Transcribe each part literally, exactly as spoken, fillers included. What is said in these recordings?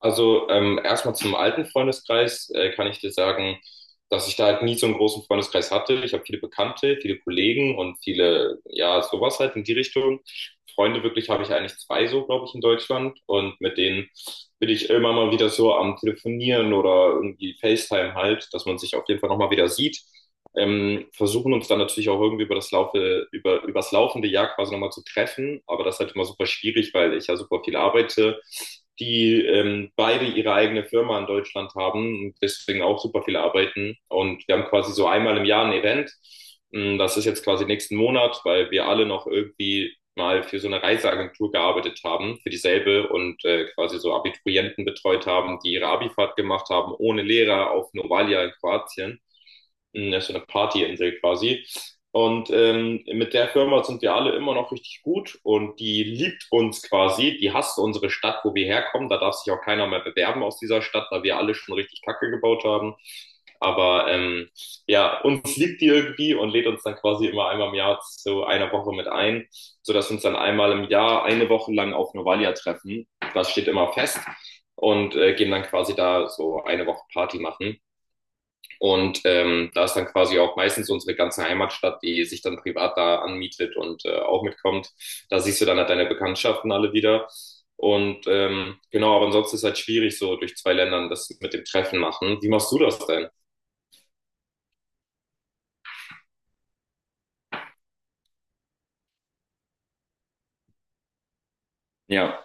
Also ähm, erstmal zum alten Freundeskreis äh, kann ich dir sagen, dass ich da halt nie so einen großen Freundeskreis hatte. Ich habe viele Bekannte, viele Kollegen und viele, ja, sowas halt in die Richtung. Freunde wirklich habe ich eigentlich zwei so, glaube ich, in Deutschland. Und mit denen bin ich immer mal wieder so am Telefonieren oder irgendwie FaceTime halt, dass man sich auf jeden Fall nochmal wieder sieht, ähm, versuchen uns dann natürlich auch irgendwie über das Laufe, über, übers laufende Jahr quasi nochmal zu treffen. Aber das ist halt immer super schwierig, weil ich ja super viel arbeite, die ähm, beide ihre eigene Firma in Deutschland haben und deswegen auch super viel arbeiten. Und wir haben quasi so einmal im Jahr ein Event. Ähm, Das ist jetzt quasi nächsten Monat, weil wir alle noch irgendwie mal für so eine Reiseagentur gearbeitet haben, für dieselbe und äh, quasi so Abiturienten betreut haben, die ihre Abifahrt gemacht haben, ohne Lehrer auf Novalia in Kroatien. Mm, Das ist so eine Partyinsel quasi. Und ähm, mit der Firma sind wir alle immer noch richtig gut und die liebt uns quasi. Die hasst unsere Stadt, wo wir herkommen. Da darf sich auch keiner mehr bewerben aus dieser Stadt, weil wir alle schon richtig Kacke gebaut haben. Aber ähm, ja, uns liebt die irgendwie und lädt uns dann quasi immer einmal im Jahr zu einer Woche mit ein, sodass wir uns dann einmal im Jahr eine Woche lang auf Novalia treffen. Das steht immer fest und äh, gehen dann quasi da so eine Woche Party machen. Und ähm, da ist dann quasi auch meistens unsere ganze Heimatstadt, die sich dann privat da anmietet und äh, auch mitkommt. Da siehst du dann halt deine Bekanntschaften alle wieder. Und ähm, genau, aber ansonsten ist halt schwierig, so durch zwei Ländern das mit dem Treffen machen. Wie machst du das denn? Ja,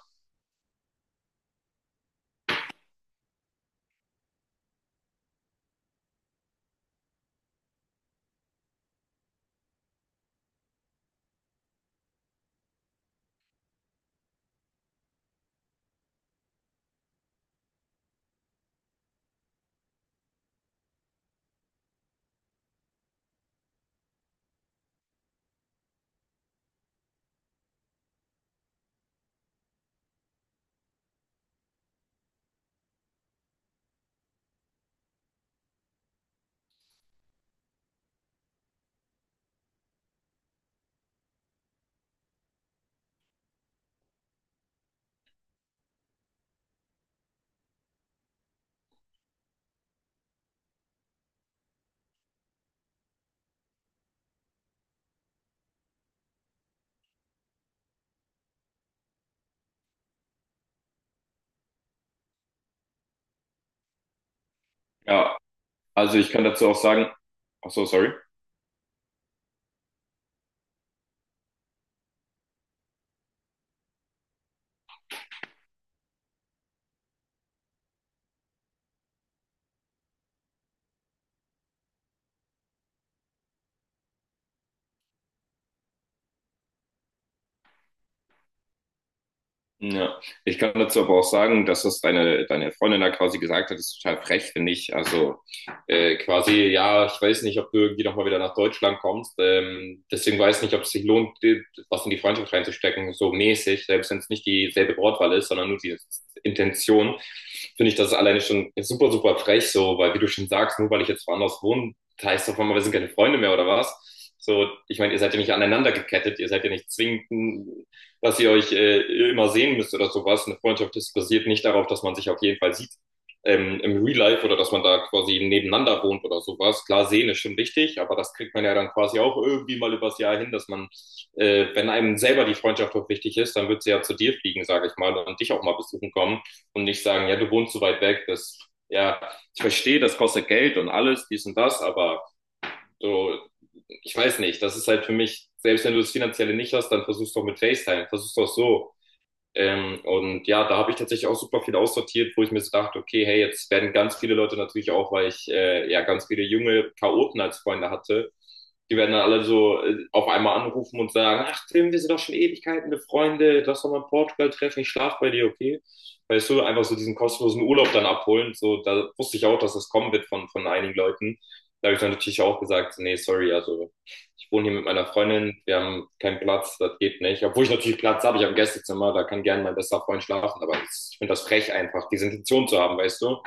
ja. Also ich kann dazu auch sagen, ach so, sorry. Ja, ich kann dazu aber auch sagen, dass das deine, deine Freundin da quasi gesagt hat, ist total frech, finde ich. Also äh, quasi, ja, ich weiß nicht, ob du irgendwie nochmal wieder nach Deutschland kommst. Ähm, deswegen weiß nicht, ob es sich lohnt, dir was in die Freundschaft reinzustecken, so mäßig, selbst wenn es nicht dieselbe Wortwahl ist, sondern nur die Intention, finde ich das alleine schon super, super frech, so, weil wie du schon sagst, nur weil ich jetzt woanders wohne, heißt das auf einmal, wir sind keine Freunde mehr oder was? So, ich meine, ihr seid ja nicht aneinander gekettet, ihr seid ja nicht zwingend, dass ihr euch äh, immer sehen müsst oder sowas. Eine Freundschaft ist basiert nicht darauf, dass man sich auf jeden Fall sieht, ähm, im Real Life oder dass man da quasi nebeneinander wohnt oder sowas. Klar, sehen ist schon wichtig, aber das kriegt man ja dann quasi auch irgendwie mal übers Jahr hin, dass man, äh, wenn einem selber die Freundschaft auch wichtig ist, dann wird sie ja zu dir fliegen, sage ich mal, und dich auch mal besuchen kommen und nicht sagen, ja, du wohnst so weit weg, das, ja, ich verstehe, das kostet Geld und alles, dies und das, aber so, ich weiß nicht, das ist halt für mich, selbst wenn du das Finanzielle nicht hast, dann versuch's doch mit FaceTime, versuch's doch so, ähm, und ja, da habe ich tatsächlich auch super viel aussortiert, wo ich mir so dachte, okay, hey, jetzt werden ganz viele Leute natürlich auch, weil ich äh, ja ganz viele junge Chaoten als Freunde hatte, die werden dann alle so äh, auf einmal anrufen und sagen, ach Tim, wir sind doch schon Ewigkeiten befreunde, lass doch mal in Portugal treffen, ich schlaf bei dir, okay? Weißt du, einfach so diesen kostenlosen Urlaub dann abholen, so, da wusste ich auch, dass das kommen wird von, von einigen Leuten. Da habe ich dann natürlich auch gesagt, nee, sorry, also ich wohne hier mit meiner Freundin, wir haben keinen Platz, das geht nicht. Obwohl ich natürlich Platz habe, ich habe ein Gästezimmer, da kann gerne mein bester Freund schlafen, aber ich finde das frech einfach, diese Intention zu haben, weißt du?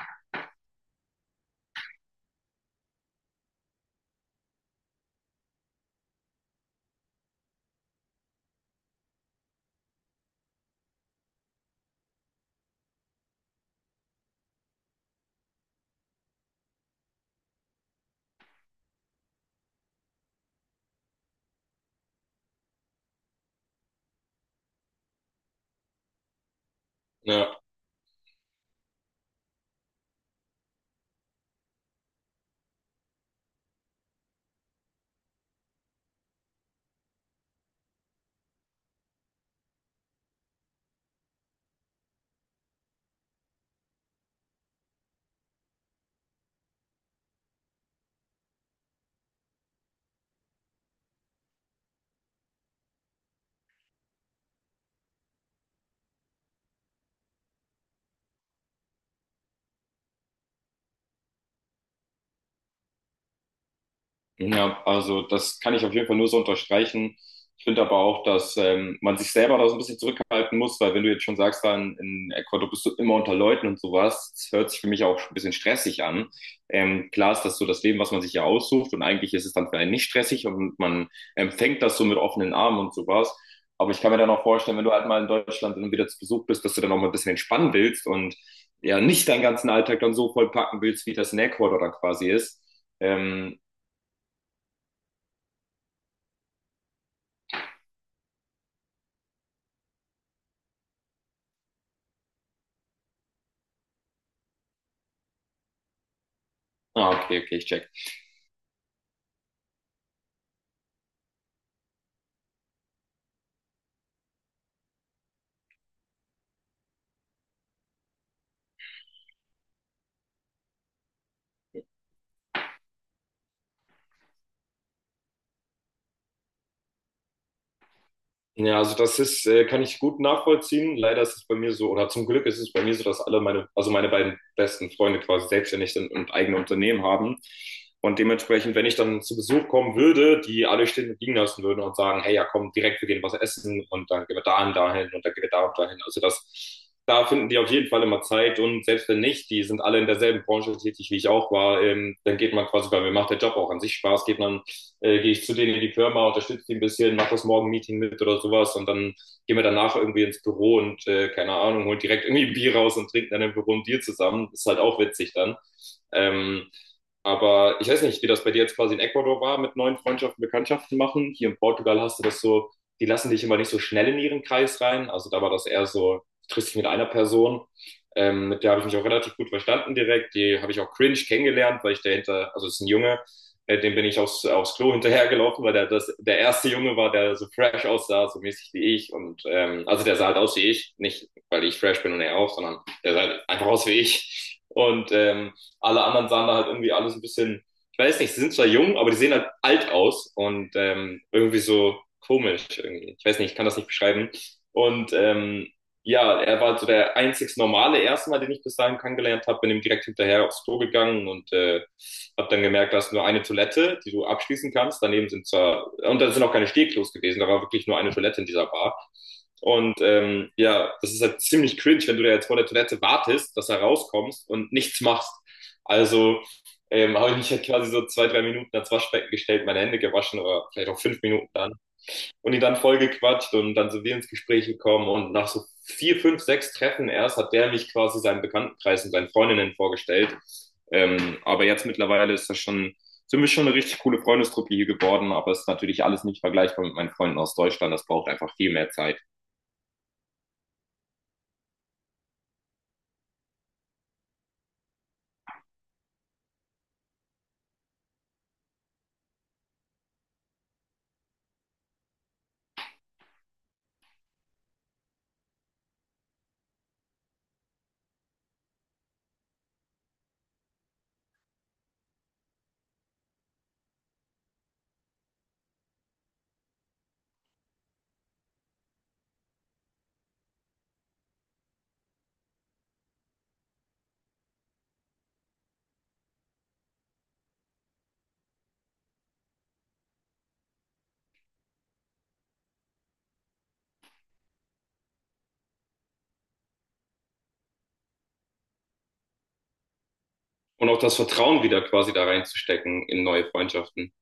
Ja. Ja, also das kann ich auf jeden Fall nur so unterstreichen. Ich finde aber auch, dass ähm, man sich selber da so ein bisschen zurückhalten muss, weil wenn du jetzt schon sagst, dann in Ecuador bist du immer unter Leuten und sowas, das hört sich für mich auch ein bisschen stressig an. Ähm, klar ist das so das Leben, was man sich ja aussucht, und eigentlich ist es dann für einen nicht stressig und man empfängt das so mit offenen Armen und sowas. Aber ich kann mir dann auch vorstellen, wenn du halt mal in Deutschland dann wieder zu Besuch bist, dass du dann auch mal ein bisschen entspannen willst und ja nicht deinen ganzen Alltag dann so vollpacken willst, wie das in Ecuador dann quasi ist. Ähm, Ah, okay, okay, ich check. Ja, also das ist, äh, kann ich gut nachvollziehen. Leider ist es bei mir so, oder zum Glück ist es bei mir so, dass alle meine, also meine beiden besten Freunde quasi selbstständig sind und eigene Unternehmen haben. Und dementsprechend, wenn ich dann zu Besuch kommen würde, die alle stehen und liegen lassen würden und sagen, hey, ja, komm, direkt, wir gehen was essen und dann gehen wir dahin, dahin und dann gehen wir da und dahin. Also das, da finden die auf jeden Fall immer Zeit, und selbst wenn nicht, die sind alle in derselben Branche tätig, wie ich auch war, ähm, dann geht man quasi, weil mir macht der Job auch an sich Spaß, geht man äh, gehe ich zu denen in die Firma, unterstütze die ein bisschen, mache das Morgen-Meeting mit oder sowas und dann gehen wir danach irgendwie ins Büro und äh, keine Ahnung, holen direkt irgendwie ein Bier raus und trinken dann im Büro ein Bier zusammen. Ist halt auch witzig dann. Ähm, aber ich weiß nicht, wie das bei dir jetzt quasi in Ecuador war, mit neuen Freundschaften, Bekanntschaften machen. Hier in Portugal hast du das so, die lassen dich immer nicht so schnell in ihren Kreis rein. Also da war das eher so, du triffst dich mit einer Person. Ähm, mit der habe ich mich auch relativ gut verstanden direkt. Die habe ich auch cringe kennengelernt, weil ich dahinter, also es ist ein Junge, äh, dem bin ich aufs, aufs Klo hinterhergelaufen, weil der, das, der erste Junge war, der so fresh aussah, so mäßig wie ich. Und ähm, also der sah halt aus wie ich. Nicht, weil ich fresh bin und er auch, sondern der sah halt einfach aus wie ich. Und ähm, alle anderen sahen da halt irgendwie alles ein bisschen, ich weiß nicht, sie sind zwar jung, aber die sehen halt alt aus und ähm, irgendwie so komisch irgendwie. Ich weiß nicht, ich kann das nicht beschreiben. Und ähm, ja, er war so der einzig normale erste Mal, den ich bis dahin kennengelernt habe, bin ihm direkt hinterher aufs Klo gegangen und äh, habe dann gemerkt, da ist nur eine Toilette, die du abschließen kannst. Daneben sind zwar, und da sind auch keine Stehklos gewesen, da war wirklich nur eine Toilette in dieser Bar. Und ähm, ja, das ist halt ziemlich cringe, wenn du da jetzt vor der Toilette wartest, dass er rauskommst und nichts machst. Also ähm, habe ich mich halt quasi so zwei, drei Minuten ans Waschbecken gestellt, meine Hände gewaschen oder vielleicht auch fünf Minuten dann, und ihn dann voll gequatscht und dann sind wir ins Gespräch gekommen und nach so vier, fünf, sechs Treffen erst hat der mich quasi seinen Bekanntenkreis und seinen Freundinnen vorgestellt. Ähm, aber jetzt mittlerweile ist das schon, sind wir schon eine richtig coole Freundestruppe hier geworden, aber es ist natürlich alles nicht vergleichbar mit meinen Freunden aus Deutschland. Das braucht einfach viel mehr Zeit. Und auch das Vertrauen wieder quasi da reinzustecken in neue Freundschaften.